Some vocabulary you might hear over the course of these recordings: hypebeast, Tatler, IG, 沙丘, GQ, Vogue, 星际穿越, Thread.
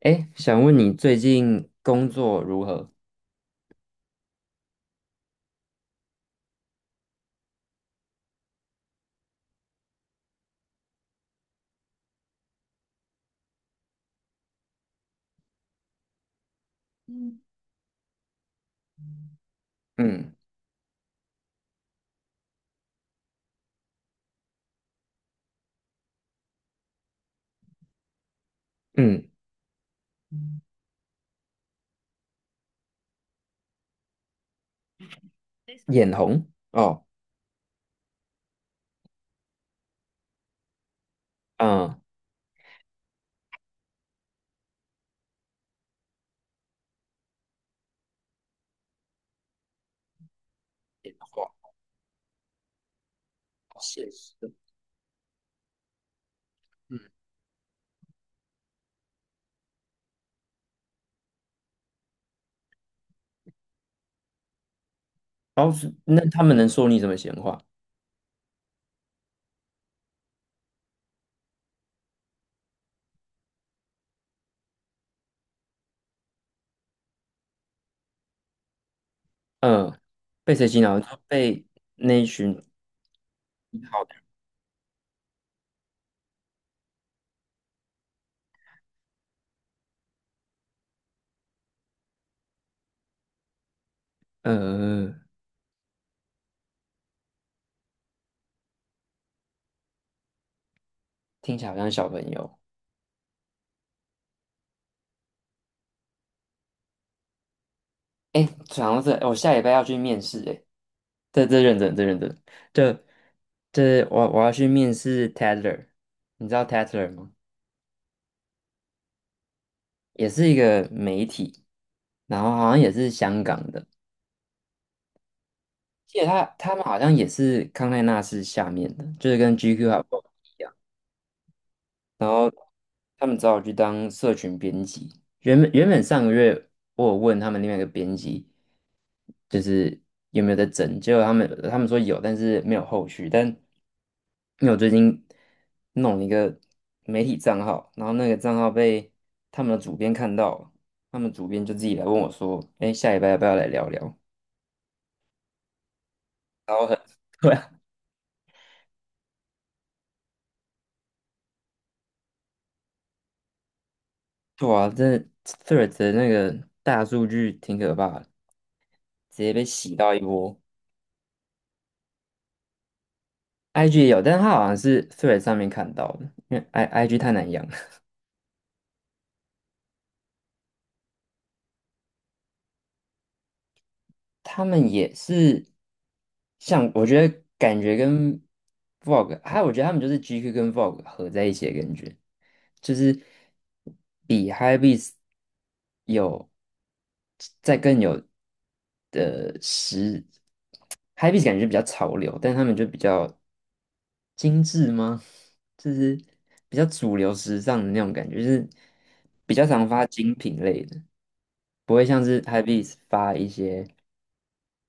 哎，想问你最近工作如何？嗯。嗯嗯。眼红哦。嗯。眼红。好现实的。嗯，然后是那他们能说你什么闲话？嗯，被谁洗脑？就被那一群。好的。嗯。听起来好像小朋友。哎，讲到这，我下礼拜要去面试，哎，这认真，这我要去面试 Tatler，你知道 Tatler 吗？也是一个媒体，然后好像也是香港的，记得他们好像也是康奈纳是下面的，就是跟 GQ 还不一样。然后他们找我去当社群编辑。原本上个月我有问他们另外一个编辑，就是有没有在整，结果他们说有，但是没有后续。但因为我最近弄了一个媒体账号，然后那个账号被他们的主编看到了，他们主编就自己来问我说：“哎，下礼拜要不要来聊聊？”然后很 对啊。对啊，这 t h r e a d 的那个大数据挺可怕的，直接被洗到一波。IG 也有，但是它好像是 Thread 上面看到的，因为 IG 太难养了。他们也是，像我觉得感觉跟 Vogue，还有我觉得他们就是 GQ 跟 Vogue 合在一起的感觉。就是比 h y p b e a s 有再更有的时， h y p b e a s 感觉比较潮流，但他们就比较精致吗？就是比较主流时尚的那种感觉，就是比较常发精品类的，不会像是 h y p b e a s 发一些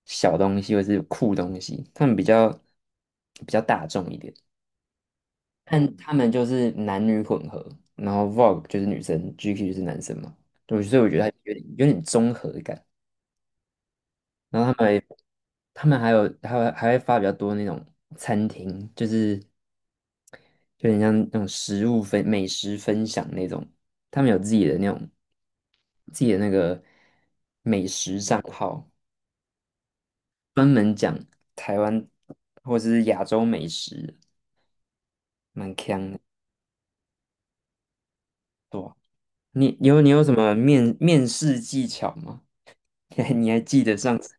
小东西或是酷东西，他们比较大众一点。但他们就是男女混合，然后 Vogue 就是女生，GQ 就是男生嘛，对，所以我觉得他有点综合感。然后他们还他们还会发比较多那种餐厅，就是有点像那种食物分美食分享那种，他们有自己的那种自己的那个美食账号，专门讲台湾或者是亚洲美食，蛮强的。对啊。你有什么面试技巧吗？你还记得上次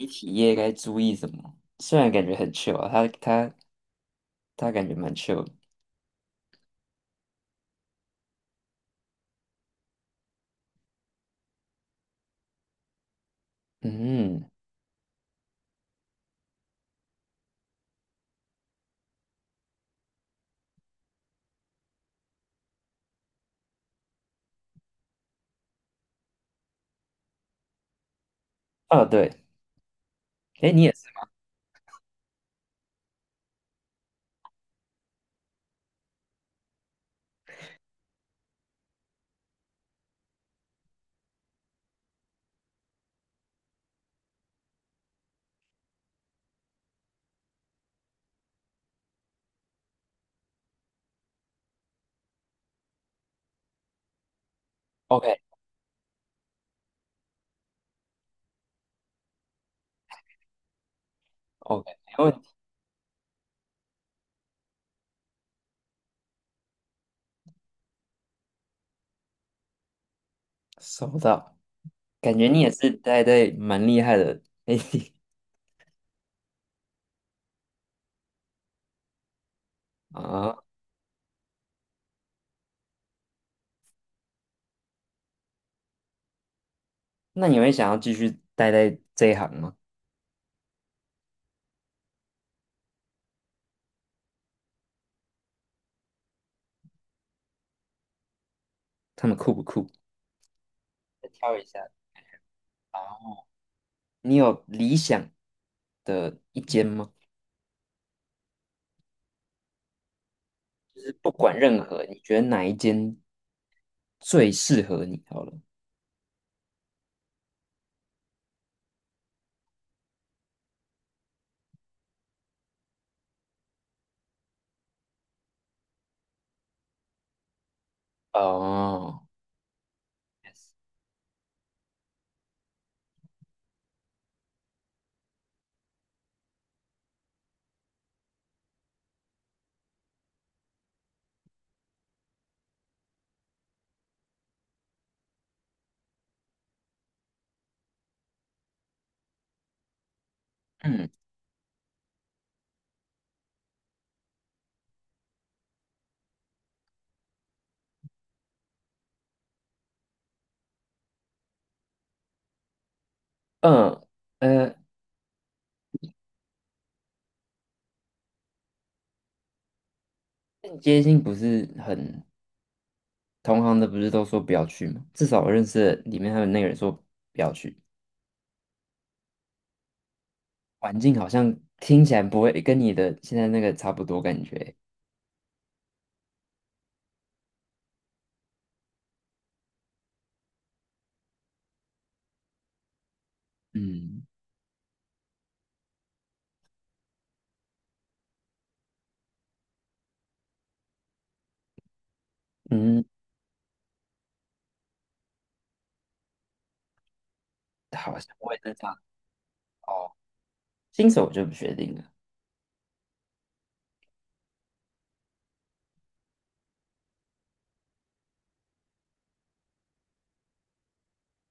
媒体业该注意什么？虽然感觉很 chill 啊，他感觉蛮 chill 的。嗯。哦对。哎你也是。OK。 OK，没问题。收到。感觉你也是待在蛮厉害的媒体。 啊，那你会想要继续待在这一行吗？他们酷不酷？再挑一下。啊，你有理想的一间吗？不管任何，你觉得哪一间最适合你？好了。哦。嗯嗯。呃，间接性不是很同行的，不是都说不要去吗？至少我认识的里面还有那个人说不要去，环境好像听起来不会跟你的现在那个差不多感觉。嗯嗯。好像我也是这样。哦，新手我就不确定了。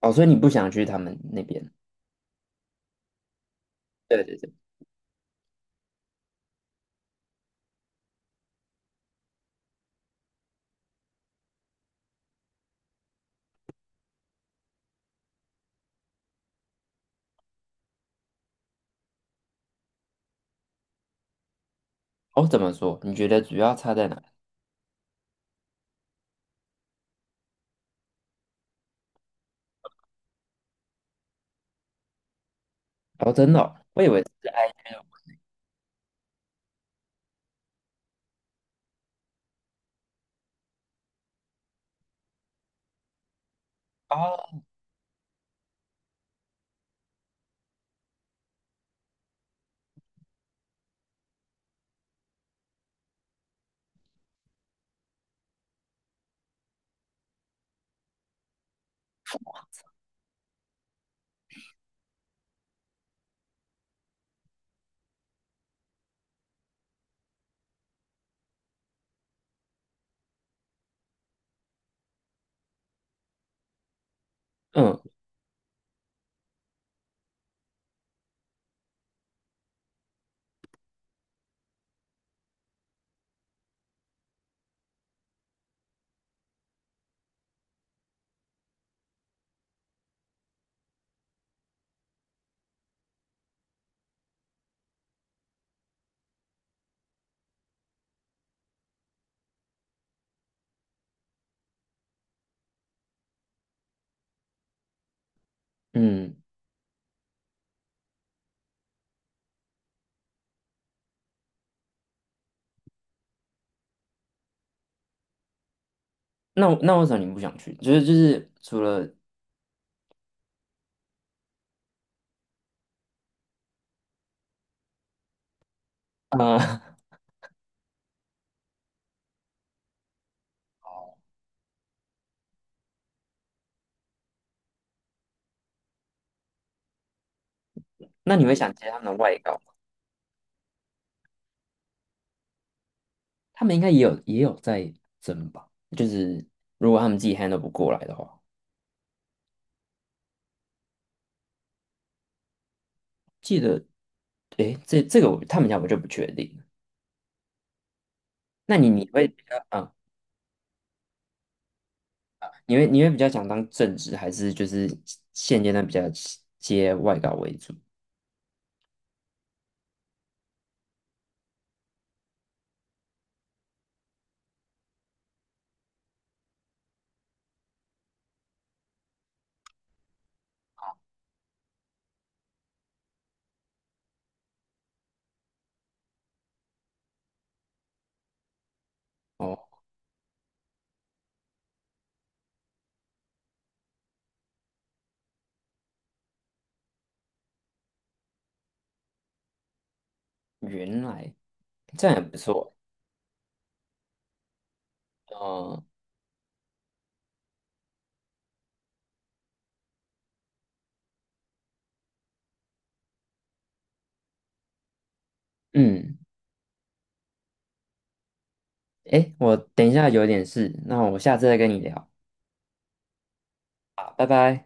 哦，所以你不想去他们那边？对对对。哦，怎么说？你觉得主要差在哪？哦，真的哦，我以为是。哦。嗯嗯。那为什么你不想去？就是除了呃。那你会想接他们的外稿吗？他们应该也有在争吧？就是如果他们自己 handle 不过来的话，记得。诶，这这个他们家我就不确定了。那你你会比较啊？你会比较想当正职，还是就是现阶段比较接外稿为主？哦，原来这样也不错。嗯嗯。诶，我等一下有点事，那我下次再跟你聊。好，拜拜。